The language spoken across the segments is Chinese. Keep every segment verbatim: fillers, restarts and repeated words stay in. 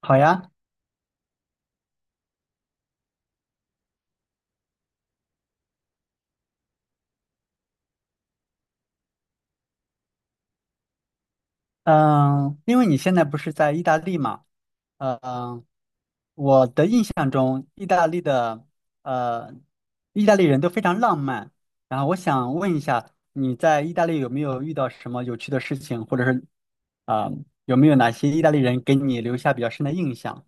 好呀。嗯，因为你现在不是在意大利嘛。嗯。我的印象中，意大利的呃，意大利人都非常浪漫。然后我想问一下，你在意大利有没有遇到什么有趣的事情，或者是啊，有没有哪些意大利人给你留下比较深的印象？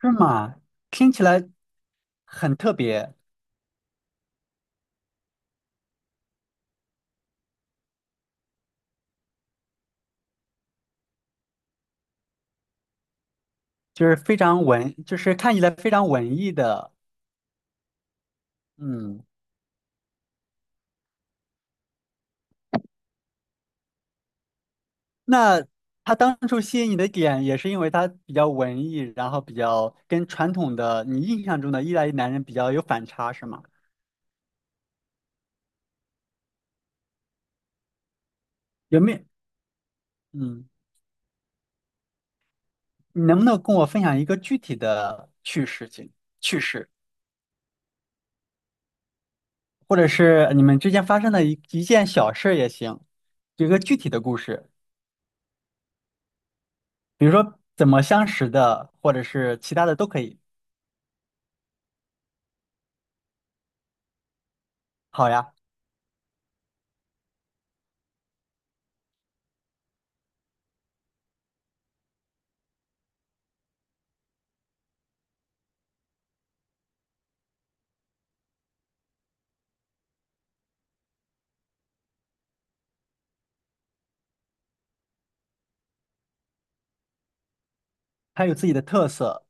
是吗？听起来很特别。就是非常文，就是看起来非常文艺的。嗯。那他当初吸引你的点，也是因为他比较文艺，然后比较跟传统的你印象中的意大利男人比较有反差，是吗？有没有？嗯，你能不能跟我分享一个具体的趣事情、趣事，或者是你们之间发生的一一件小事也行，有一个具体的故事，比如说怎么相识的，或者是其他的都可以。好呀。他有自己的特色。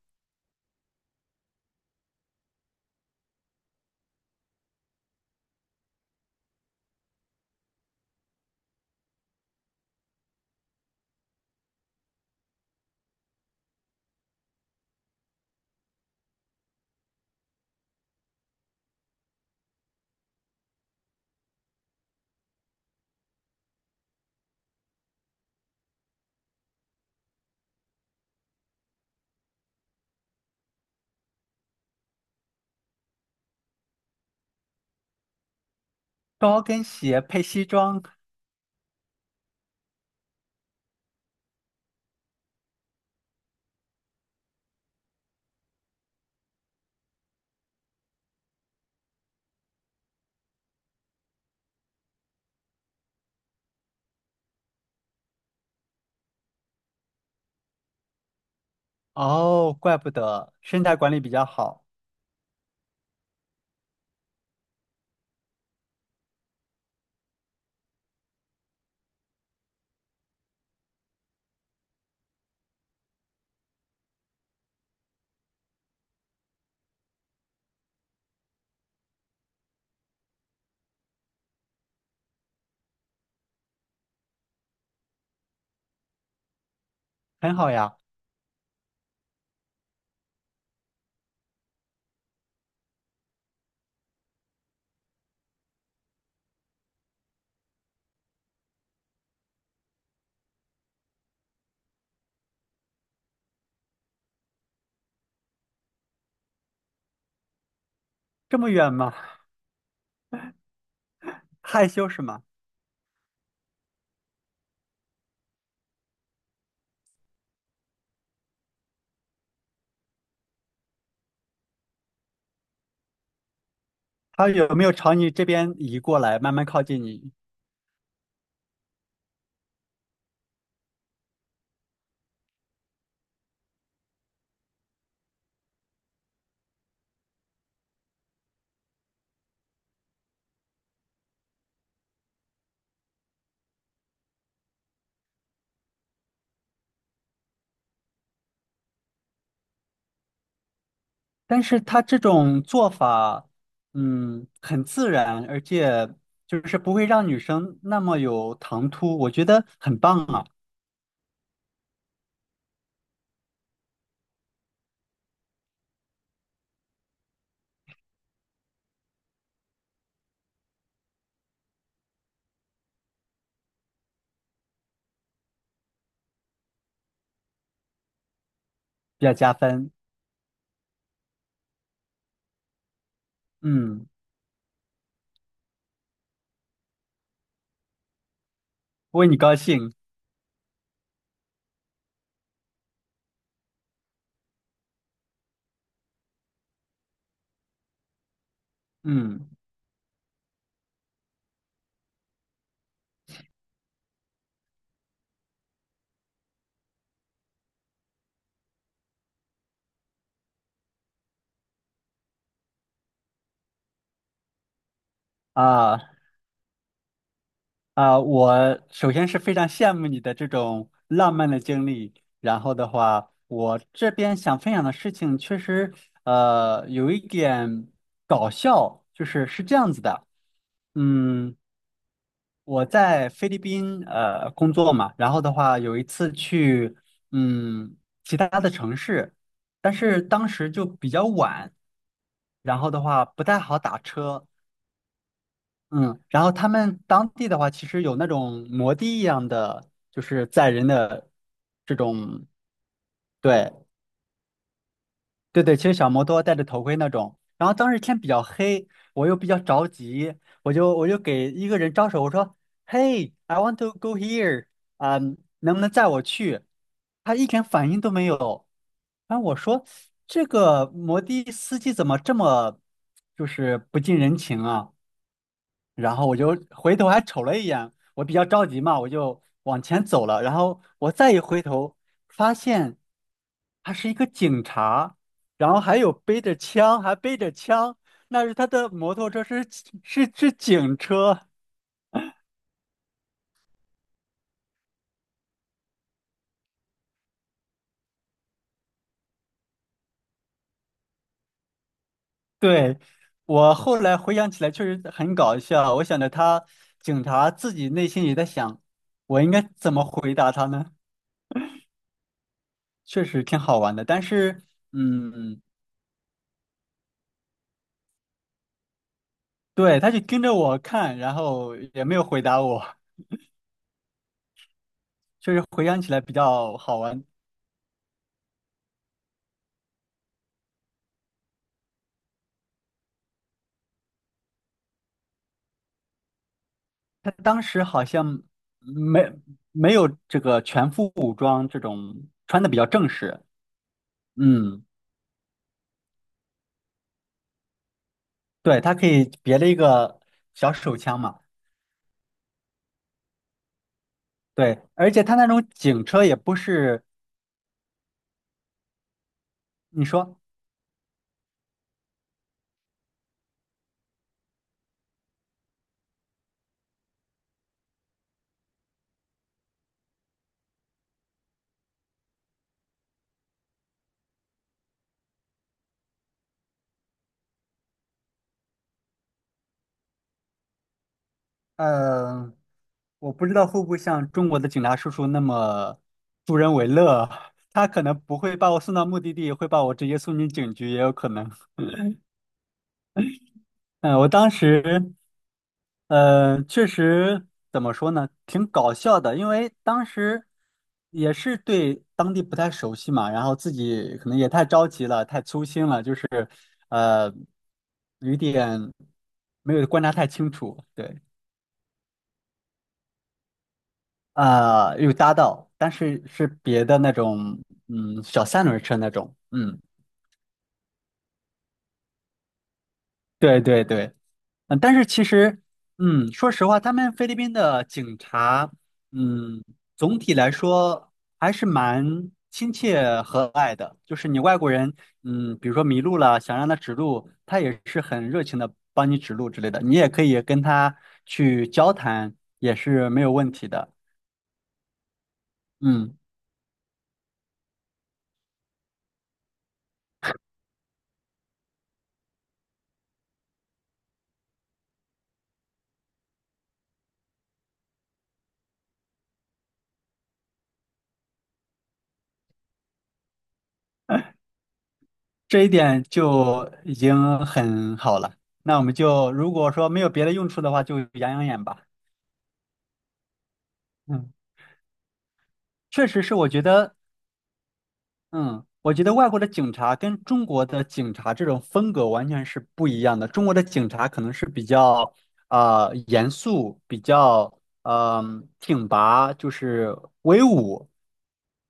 高跟鞋配西装。哦，怪不得身材管理比较好。很好呀。这么远吗？害羞是吗？他有没有朝你这边移过来，慢慢靠近你？但是他这种做法，嗯，很自然，而且就是不会让女生那么有唐突，我觉得很棒啊，比较加分。嗯，为你高兴。嗯。啊，啊，我首先是非常羡慕你的这种浪漫的经历。然后的话，我这边想分享的事情确实，呃，有一点搞笑，就是是这样子的。嗯，我在菲律宾呃工作嘛，然后的话有一次去嗯其他的城市，但是当时就比较晚，然后的话不太好打车。嗯，然后他们当地的话，其实有那种摩的一样的，就是载人的这种。对对对，其实小摩托戴着头盔那种。然后当时天比较黑，我又比较着急，我就我就给一个人招手，我说：“Hey, I want to go here，啊、能不能载我去？”他一点反应都没有。然后我说：“这个摩的司机怎么这么就是不近人情啊？”然后我就回头还瞅了一眼，我比较着急嘛，我就往前走了。然后我再一回头，发现他是一个警察，然后还有背着枪，还背着枪，那是他的摩托车是是是警车。对，我后来回想起来确实很搞笑，我想着他警察自己内心也在想，我应该怎么回答他呢？确实挺好玩的，但是嗯。对，他就跟着我看，然后也没有回答我，就是回想起来比较好玩。他当时好像没没有这个全副武装这种，穿的比较正式。嗯，对，他可以别了一个小手枪嘛。对，而且他那种警车也不是你说。呃，我不知道会不会像中国的警察叔叔那么助人为乐，他可能不会把我送到目的地，会把我直接送进警局，也有可能。嗯，我当时，呃，确实怎么说呢，挺搞笑的，因为当时也是对当地不太熟悉嘛，然后自己可能也太着急了，太粗心了，就是，呃，有一点没有观察太清楚。对，啊、有搭到，但是是别的那种。嗯，小三轮车那种。嗯，对对对。嗯，但是其实，嗯，说实话，他们菲律宾的警察，嗯，总体来说还是蛮亲切和蔼的。就是你外国人，嗯，比如说迷路了，想让他指路，他也是很热情的帮你指路之类的。你也可以跟他去交谈，也是没有问题的。嗯，这一点就已经很好了。那我们就如果说没有别的用处的话，就养养眼吧。嗯，确实是，我觉得。嗯，我觉得外国的警察跟中国的警察这种风格完全是不一样的。中国的警察可能是比较啊严肃，比较嗯、挺拔，就是威武，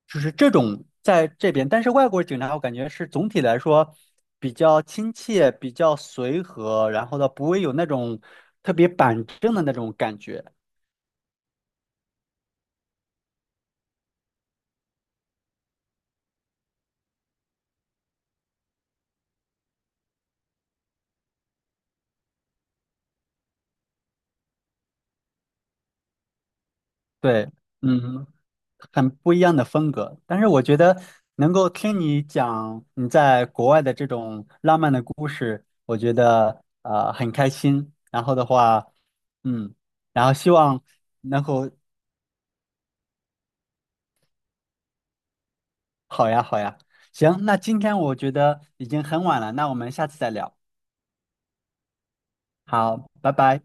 就是这种在这边。但是外国警察我感觉是总体来说比较亲切，比较随和，然后呢不会有那种特别板正的那种感觉。对。嗯，很不一样的风格。但是我觉得能够听你讲你在国外的这种浪漫的故事，我觉得呃很开心。然后的话，嗯，然后希望能够好呀好呀。行，那今天我觉得已经很晚了，那我们下次再聊。好，拜拜。